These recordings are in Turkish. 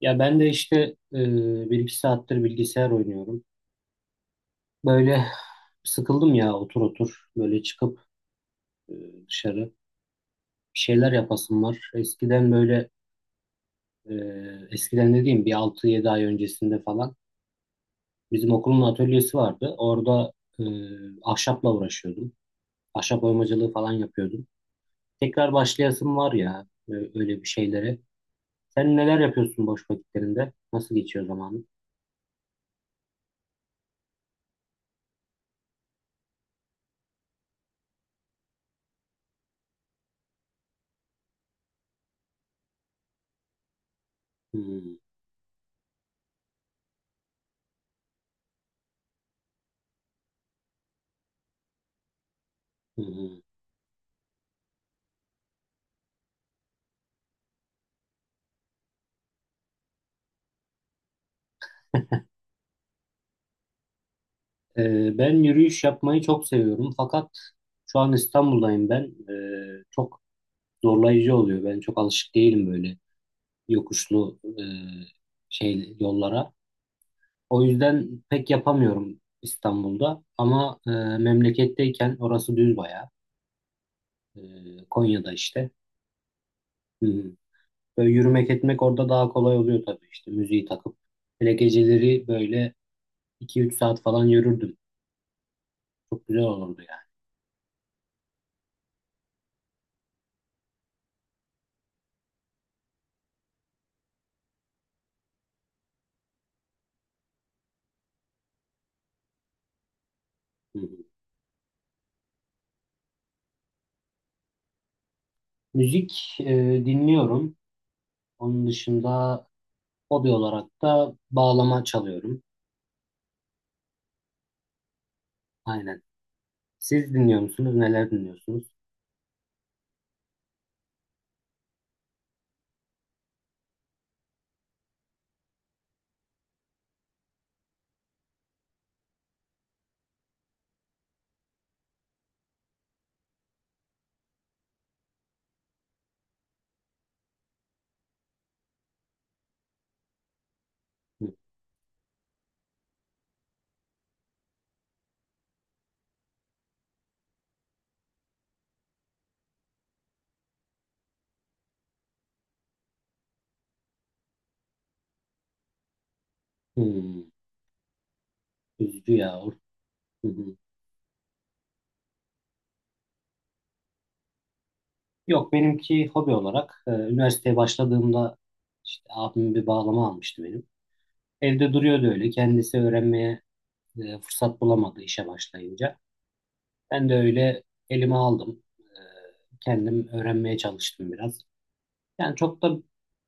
Ya ben de işte e, bir iki saattir bilgisayar oynuyorum. Böyle sıkıldım ya otur otur böyle çıkıp dışarı bir şeyler yapasım var. Eskiden böyle e, eskiden dediğim bir 6-7 ay öncesinde falan bizim okulun atölyesi vardı. Orada e, ahşapla uğraşıyordum. Ahşap oymacılığı falan yapıyordum. Tekrar başlayasım var ya öyle bir şeylere. Sen neler yapıyorsun boş vakitlerinde? Nasıl geçiyor zamanın? Hmm, hı hı. Ben yürüyüş yapmayı çok seviyorum fakat şu an İstanbul'dayım ben. Çok zorlayıcı oluyor. Ben çok alışık değilim böyle yokuşlu şey yollara. O yüzden pek yapamıyorum İstanbul'da ama memleketteyken orası düz bayağı. Konya'da işte. Hı hı. Böyle yürümek etmek orada daha kolay oluyor tabii işte müziği takıp. Hele geceleri böyle 2-3 saat falan yürürdüm. Çok güzel olurdu yani. Hı hı. Müzik dinliyorum. Onun dışında hobi olarak da bağlama çalıyorum. Aynen. Siz dinliyor musunuz? Neler dinliyorsunuz? Hı. Hmm, üzücü ya. Hı hı. Yok benimki hobi olarak üniversiteye başladığımda işte abim bir bağlama almıştı benim. Evde duruyordu öyle. Kendisi öğrenmeye fırsat bulamadı işe başlayınca. Ben de öyle elime aldım. Kendim öğrenmeye çalıştım biraz. Yani çok da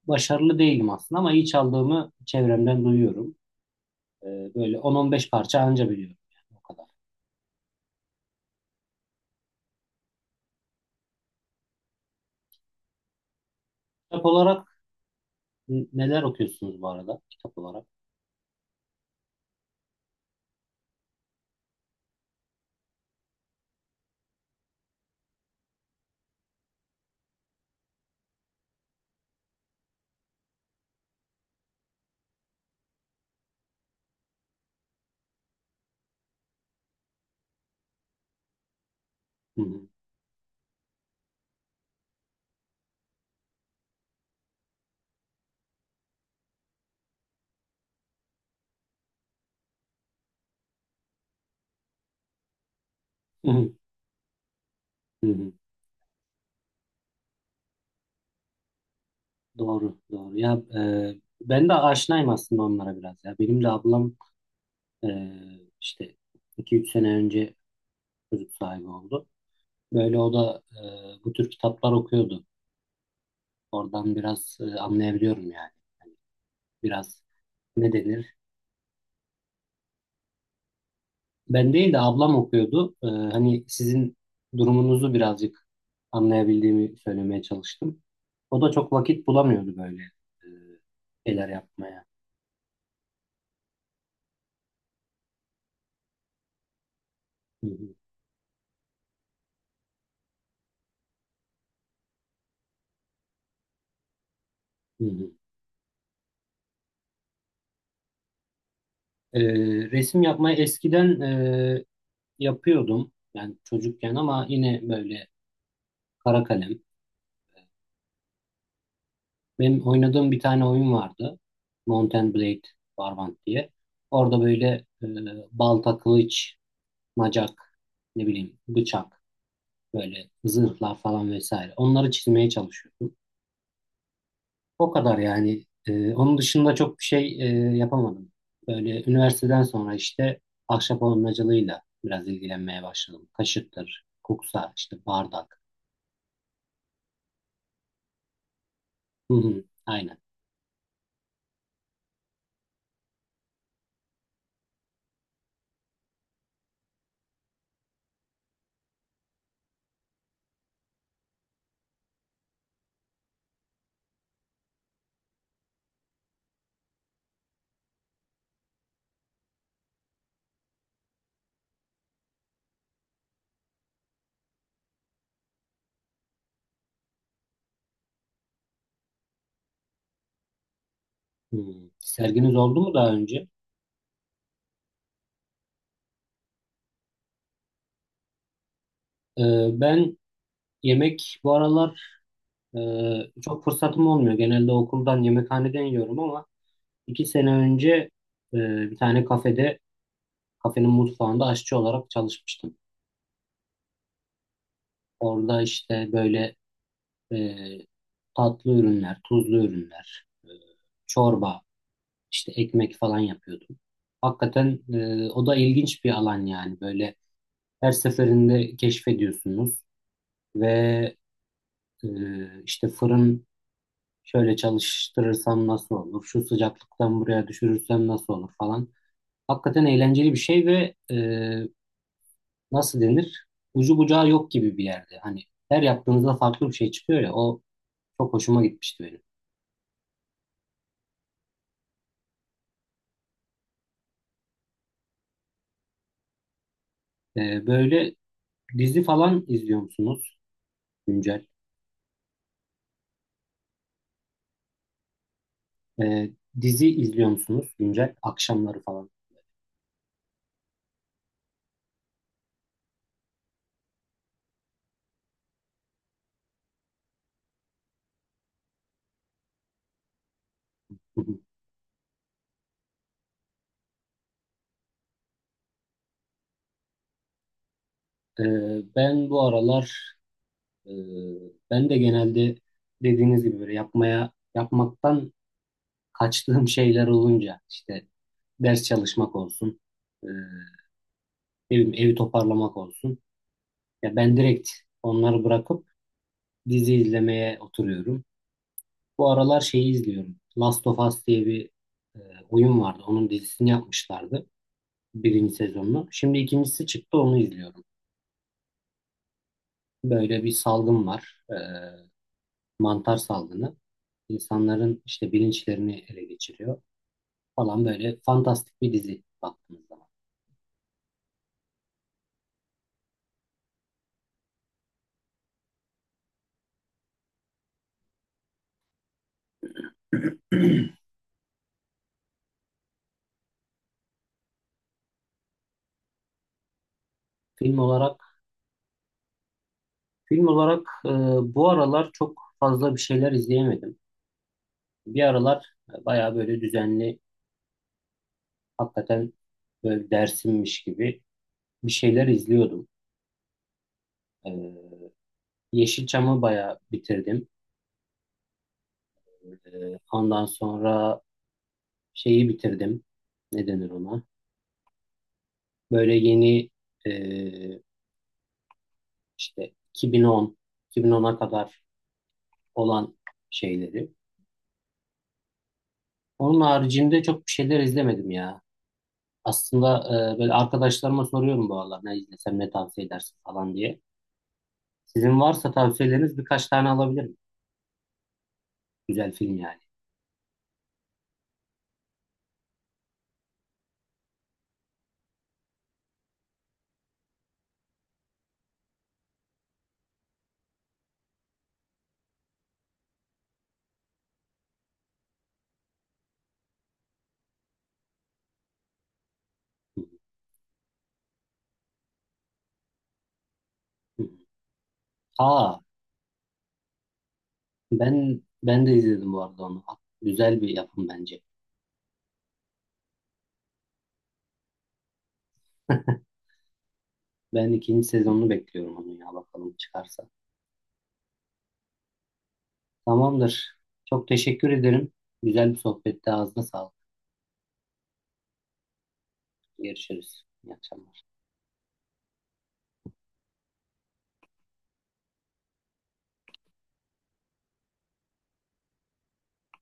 başarılı değilim aslında ama iyi çaldığımı çevremden duyuyorum. E, böyle 10-15 parça anca biliyorum yani o kadar. Kitap olarak neler okuyorsunuz bu arada? Kitap olarak. Hı hı. Hı hı. Hı hı. Doğru, doğru. Ya e, ben de aşinayım aslında onlara biraz ya. Benim de ablam e, işte 2-3 sene önce çocuk sahibi oldu. Böyle o da bu tür kitaplar okuyordu. Oradan biraz anlayabiliyorum yani. Biraz ne denir? Ben değil de ablam okuyordu. Hani sizin durumunuzu birazcık anlayabildiğimi söylemeye çalıştım. O da çok vakit bulamıyordu böyle şeyler yapmaya. Hı hı, hı hı. Resim yapmayı eskiden yapıyordum. Yani çocukken ama yine böyle kara kalem. Benim oynadığım bir tane oyun vardı. Mount and Blade Barbant diye. Orada böyle e, balta, kılıç, macak, ne bileyim bıçak. Böyle zırhlar falan vesaire. Onları çizmeye çalışıyordum. O kadar yani. Onun dışında çok bir şey yapamadım. Böyle üniversiteden sonra işte ahşap oyamacılığıyla biraz ilgilenmeye başladım. Kaşıktır, kuksa, işte bardak. Hı hı, aynen. Hı. Serginiz oldu mu daha önce? Ee, ben yemek bu aralar e, çok fırsatım olmuyor. Genelde okuldan, yemekhaneden yiyorum ama 2 sene önce e, bir tane kafede, kafenin mutfağında aşçı olarak çalışmıştım. Orada işte böyle e, tatlı ürünler, tuzlu ürünler, çorba, işte ekmek falan yapıyordum. Hakikaten o da ilginç bir alan yani böyle her seferinde keşfediyorsunuz ve işte fırın şöyle çalıştırırsam nasıl olur, şu sıcaklıktan buraya düşürürsem nasıl olur falan. Hakikaten eğlenceli bir şey ve nasıl denir? Ucu bucağı yok gibi bir yerde. Hani her yaptığınızda farklı bir şey çıkıyor ya o çok hoşuma gitmişti benim. Böyle dizi falan izliyor musunuz güncel? Ee, dizi izliyor musunuz güncel? Akşamları falan. Hı hı. Ben bu aralar e, ben de genelde dediğiniz gibi böyle yapmaktan kaçtığım şeyler olunca işte ders çalışmak olsun, ne bileyim, evi toparlamak olsun. Ya ben direkt onları bırakıp dizi izlemeye oturuyorum. Bu aralar şeyi izliyorum. Last of Us diye bir e, oyun vardı. Onun dizisini yapmışlardı. Birinci sezonunu. Şimdi ikincisi çıktı onu izliyorum. Böyle bir salgın var. Mantar salgını. İnsanların işte bilinçlerini ele geçiriyor falan böyle fantastik bir dizi baktığınız zaman. Film olarak film olarak bu aralar çok fazla bir şeyler izleyemedim. Bir aralar bayağı böyle düzenli hakikaten böyle dersimmiş gibi bir şeyler izliyordum. E, Yeşilçam'ı bayağı bitirdim. E, ondan sonra şeyi bitirdim. Ne denir ona? Böyle yeni e, işte 2010, 2010'a kadar olan şeyleri. Onun haricinde çok bir şeyler izlemedim ya. Aslında böyle arkadaşlarıma soruyorum bu aralar ne izlesem ne tavsiye edersin falan diye. Sizin varsa tavsiyeleriniz birkaç tane alabilirim. Güzel film yani. Hı hı. Aa ben de izledim bu arada onu. Güzel bir yapım bence. Ben ikinci sezonunu bekliyorum onun ya bakalım çıkarsa. Tamamdır. Çok teşekkür ederim. Güzel bir sohbetti. Ağzına sağlık. Görüşürüz. İyi akşamlar.